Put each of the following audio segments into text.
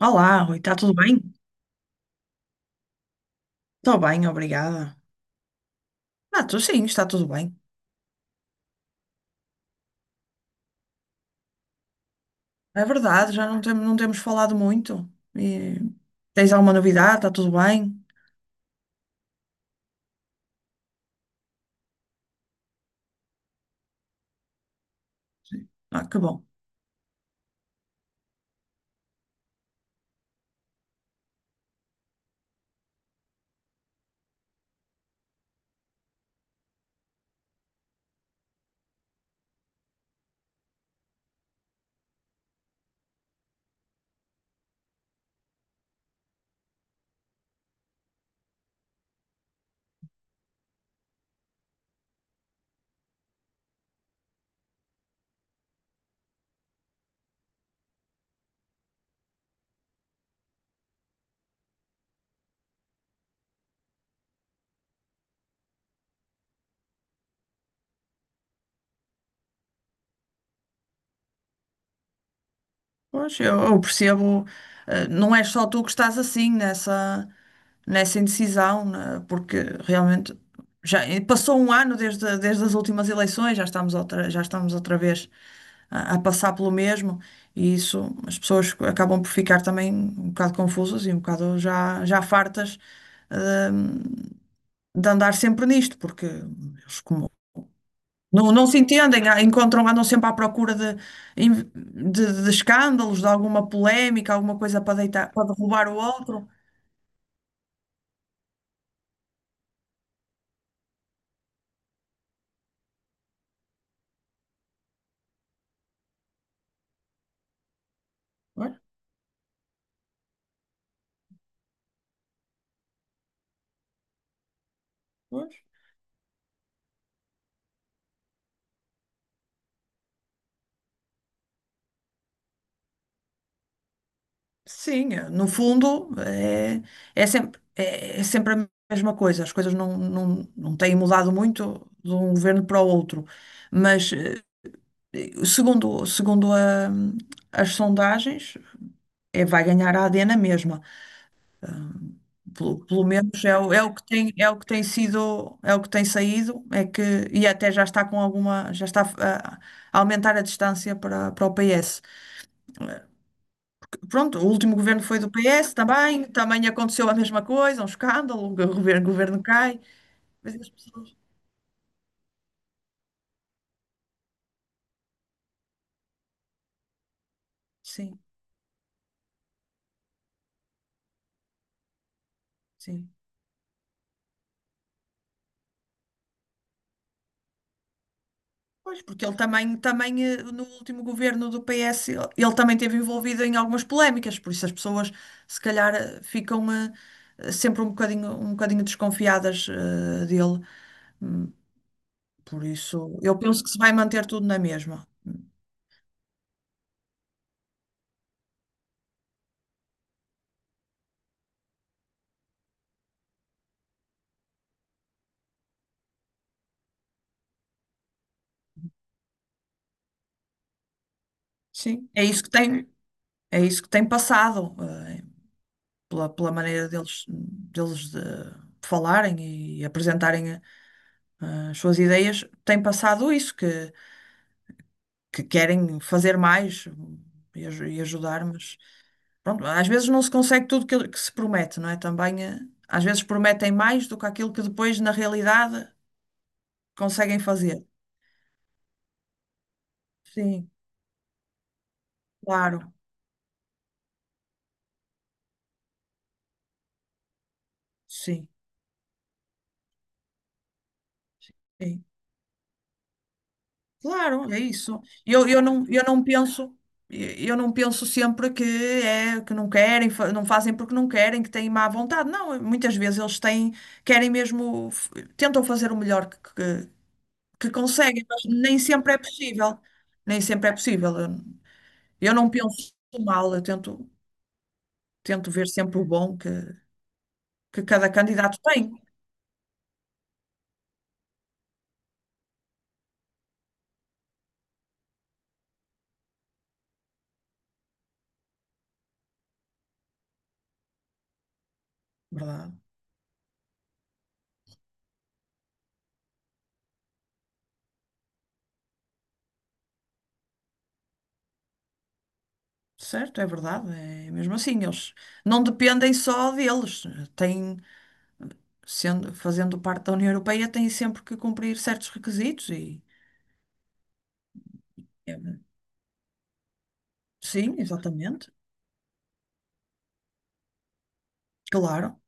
Olá, Rui, está tudo bem? Estou bem, obrigada. Ah, tu sim, está tudo bem. É verdade, já não, não temos falado muito. E tens alguma novidade? Está tudo bem? Ah, que bom. Pois, eu percebo, não é só tu que estás nessa indecisão, né? Porque realmente já passou um ano desde as últimas eleições, já estamos já estamos outra vez a passar pelo mesmo, e isso as pessoas acabam por ficar também um bocado confusas e um bocado já fartas, eh, de andar sempre nisto, porque eles, como não se entendem, encontram, andam sempre à procura de escândalos, de alguma polémica, alguma coisa para deitar, para derrubar o outro. Pois, pois. Sim, no fundo é sempre, é sempre a mesma coisa. As coisas não têm mudado muito de um governo para o outro. Mas segundo as sondagens, é, vai ganhar a AD na mesma. Pelo menos é o que tem, é o que tem sido, é o que tem saído, é que, e até já está com alguma, já está a aumentar a distância para o PS. Pronto, o último governo foi do PS, também, também aconteceu a mesma coisa, um escândalo, o governo cai, mas as pessoas, sim, sim. Pois, porque ele também, também no último governo do PS, ele também esteve envolvido em algumas polémicas, por isso as pessoas se calhar ficam sempre um bocadinho desconfiadas dele. Hum, Por isso, eu penso que se vai manter tudo na mesma. Sim, é isso que tem passado, eh, pela, pela maneira deles de falarem e apresentarem as suas ideias, tem passado isso, que querem fazer mais e ajudar, mas pronto, às vezes não se consegue tudo que se promete, não é? Também às vezes prometem mais do que aquilo que depois, na realidade, conseguem fazer. Sim, claro, sim, sim. Claro, é isso. Eu não penso. Eu não penso sempre que é que não querem, não fazem porque não querem, que têm má vontade. Não, muitas vezes eles têm, querem mesmo, tentam fazer o melhor que conseguem, mas nem sempre é possível. Nem sempre é possível. Eu não penso mal, tento ver sempre o bom que cada candidato tem. Verdade. Certo, é verdade. É mesmo assim, eles não dependem só deles. Têm, sendo, fazendo parte da União Europeia, têm sempre que cumprir certos requisitos e é, sim, exatamente. Claro.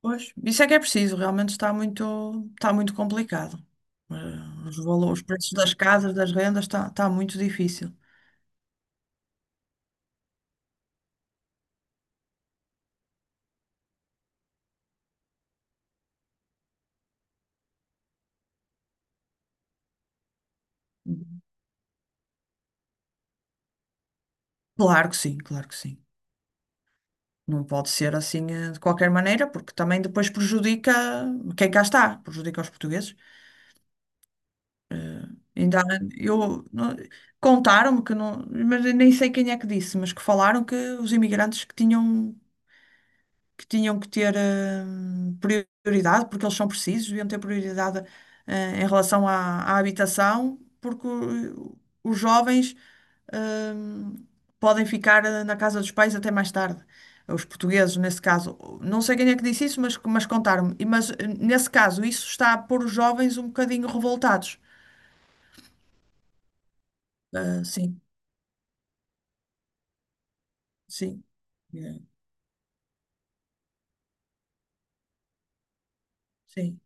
Pois, isso é que é preciso, realmente está muito complicado. Eh, Os valores, os preços das casas, das rendas, está muito difícil. Claro que sim, claro que sim. Não pode ser assim de qualquer maneira, porque também depois prejudica quem cá está, prejudica os portugueses. Ainda, eu, não- contaram-me que não, mas eu nem sei quem é que disse, mas que falaram que os imigrantes que tinham que ter hum, prioridade, porque eles são precisos, deviam ter prioridade em relação à, à habitação, porque os jovens hum, podem ficar na casa dos pais até mais tarde. Os portugueses, nesse caso, não sei quem é que disse isso, mas contaram-me. Mas, nesse caso, isso está a pôr os jovens um bocadinho revoltados. Ah, sim. Sim, é, sim.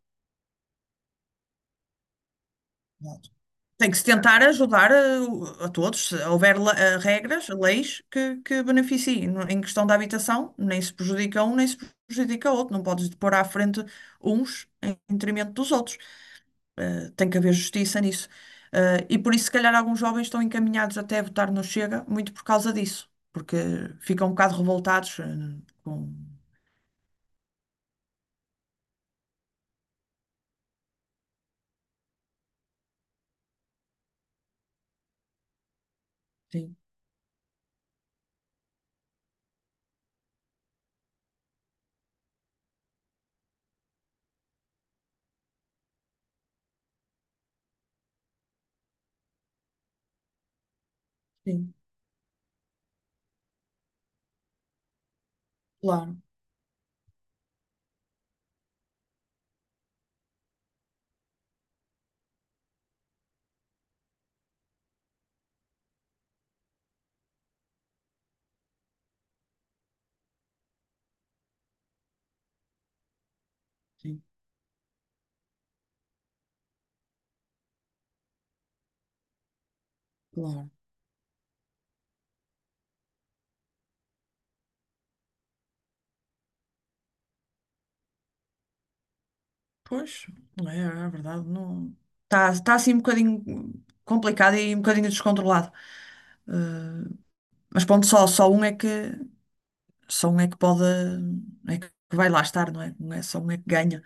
Exato. Tem que se tentar ajudar a todos. Se houver regras, leis que beneficiem. Em questão da habitação, nem se prejudica um, nem se prejudica outro. Não podes pôr à frente uns em detrimento dos outros. Tem que haver justiça nisso. E por isso, se calhar, alguns jovens estão encaminhados até a votar no Chega, muito por causa disso. Porque ficam um bocado revoltados, com. Sim, sim, claro, sim, claro. Pois, é, é verdade, não... Está, está assim um bocadinho complicado e um bocadinho descontrolado. Eh, mas pronto, só um é que pode é que vai lá estar, não é? Não é só um é que ganha.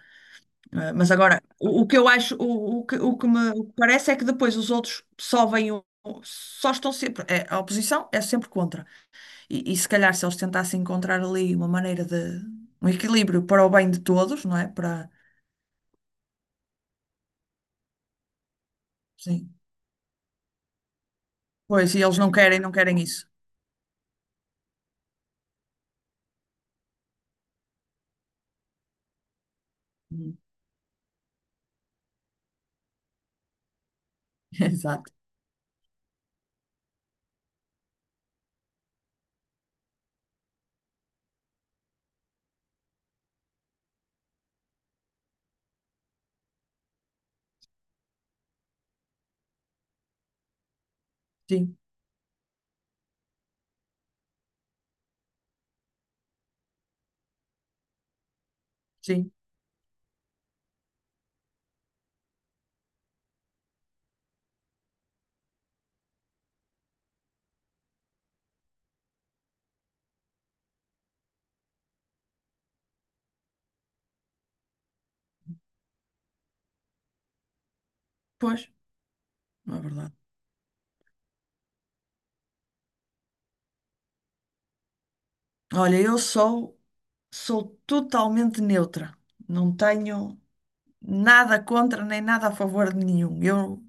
Mas agora, o que eu acho, o que parece é que depois os outros só vêm só estão sempre, é, a oposição é sempre contra. E se calhar se eles tentassem encontrar ali uma maneira de um equilíbrio para o bem de todos, não é? Para, sim. Pois, e eles não querem, não querem isso. Hum, Exato. Sim, sim. Pois, não é verdade. Olha, sou totalmente neutra. Não tenho nada contra nem nada a favor de nenhum. Eu,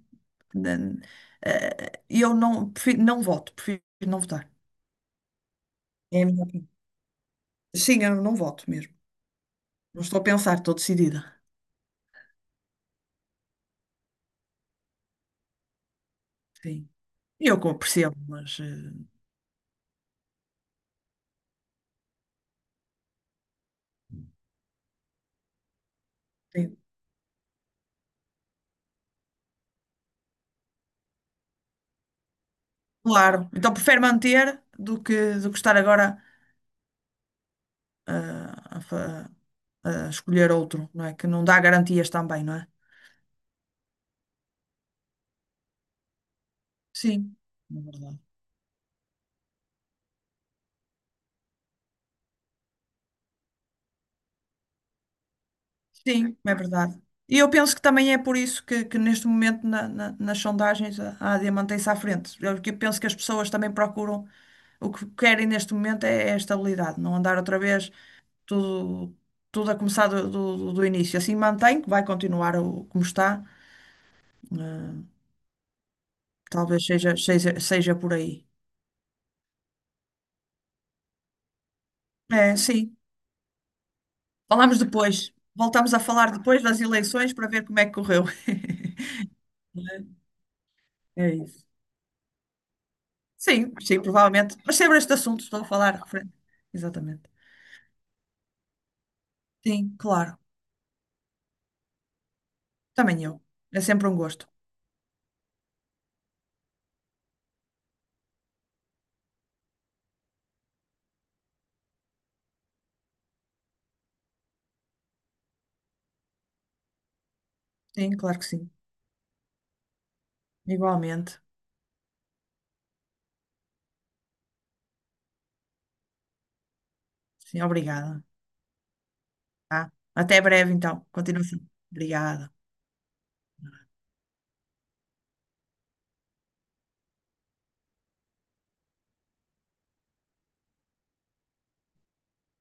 n- eh, eu não, prefiro, não voto, prefiro não votar. É a minha opinião. Sim, eu não voto mesmo. Não estou a pensar, estou decidida. Sim. Percebo, mas sim, claro. Então prefiro manter do do que estar agora. a, a fa- a escolher outro, não é? Que não dá garantias também, não é? Sim, na verdade. Sim, é verdade. E eu penso que também é por isso que neste momento nas sondagens a AD mantém-se à frente. Eu penso que as pessoas também procuram o que querem neste momento é a estabilidade, não andar outra vez tudo, tudo a começar do início. Assim mantém, que vai continuar o, como está. eh, Talvez seja por aí. É, sim. Falámos depois. Voltámos a falar depois das eleições para ver como é que correu. Não. É É isso. Sim, sim, provavelmente. Mas sempre este assunto estou a falar referente. Exatamente. Sim, claro. Também eu. É sempre um gosto. Sim, claro que sim. Igualmente. Sim, obrigada. Tá? Até breve, então. Continuação. Obrigada.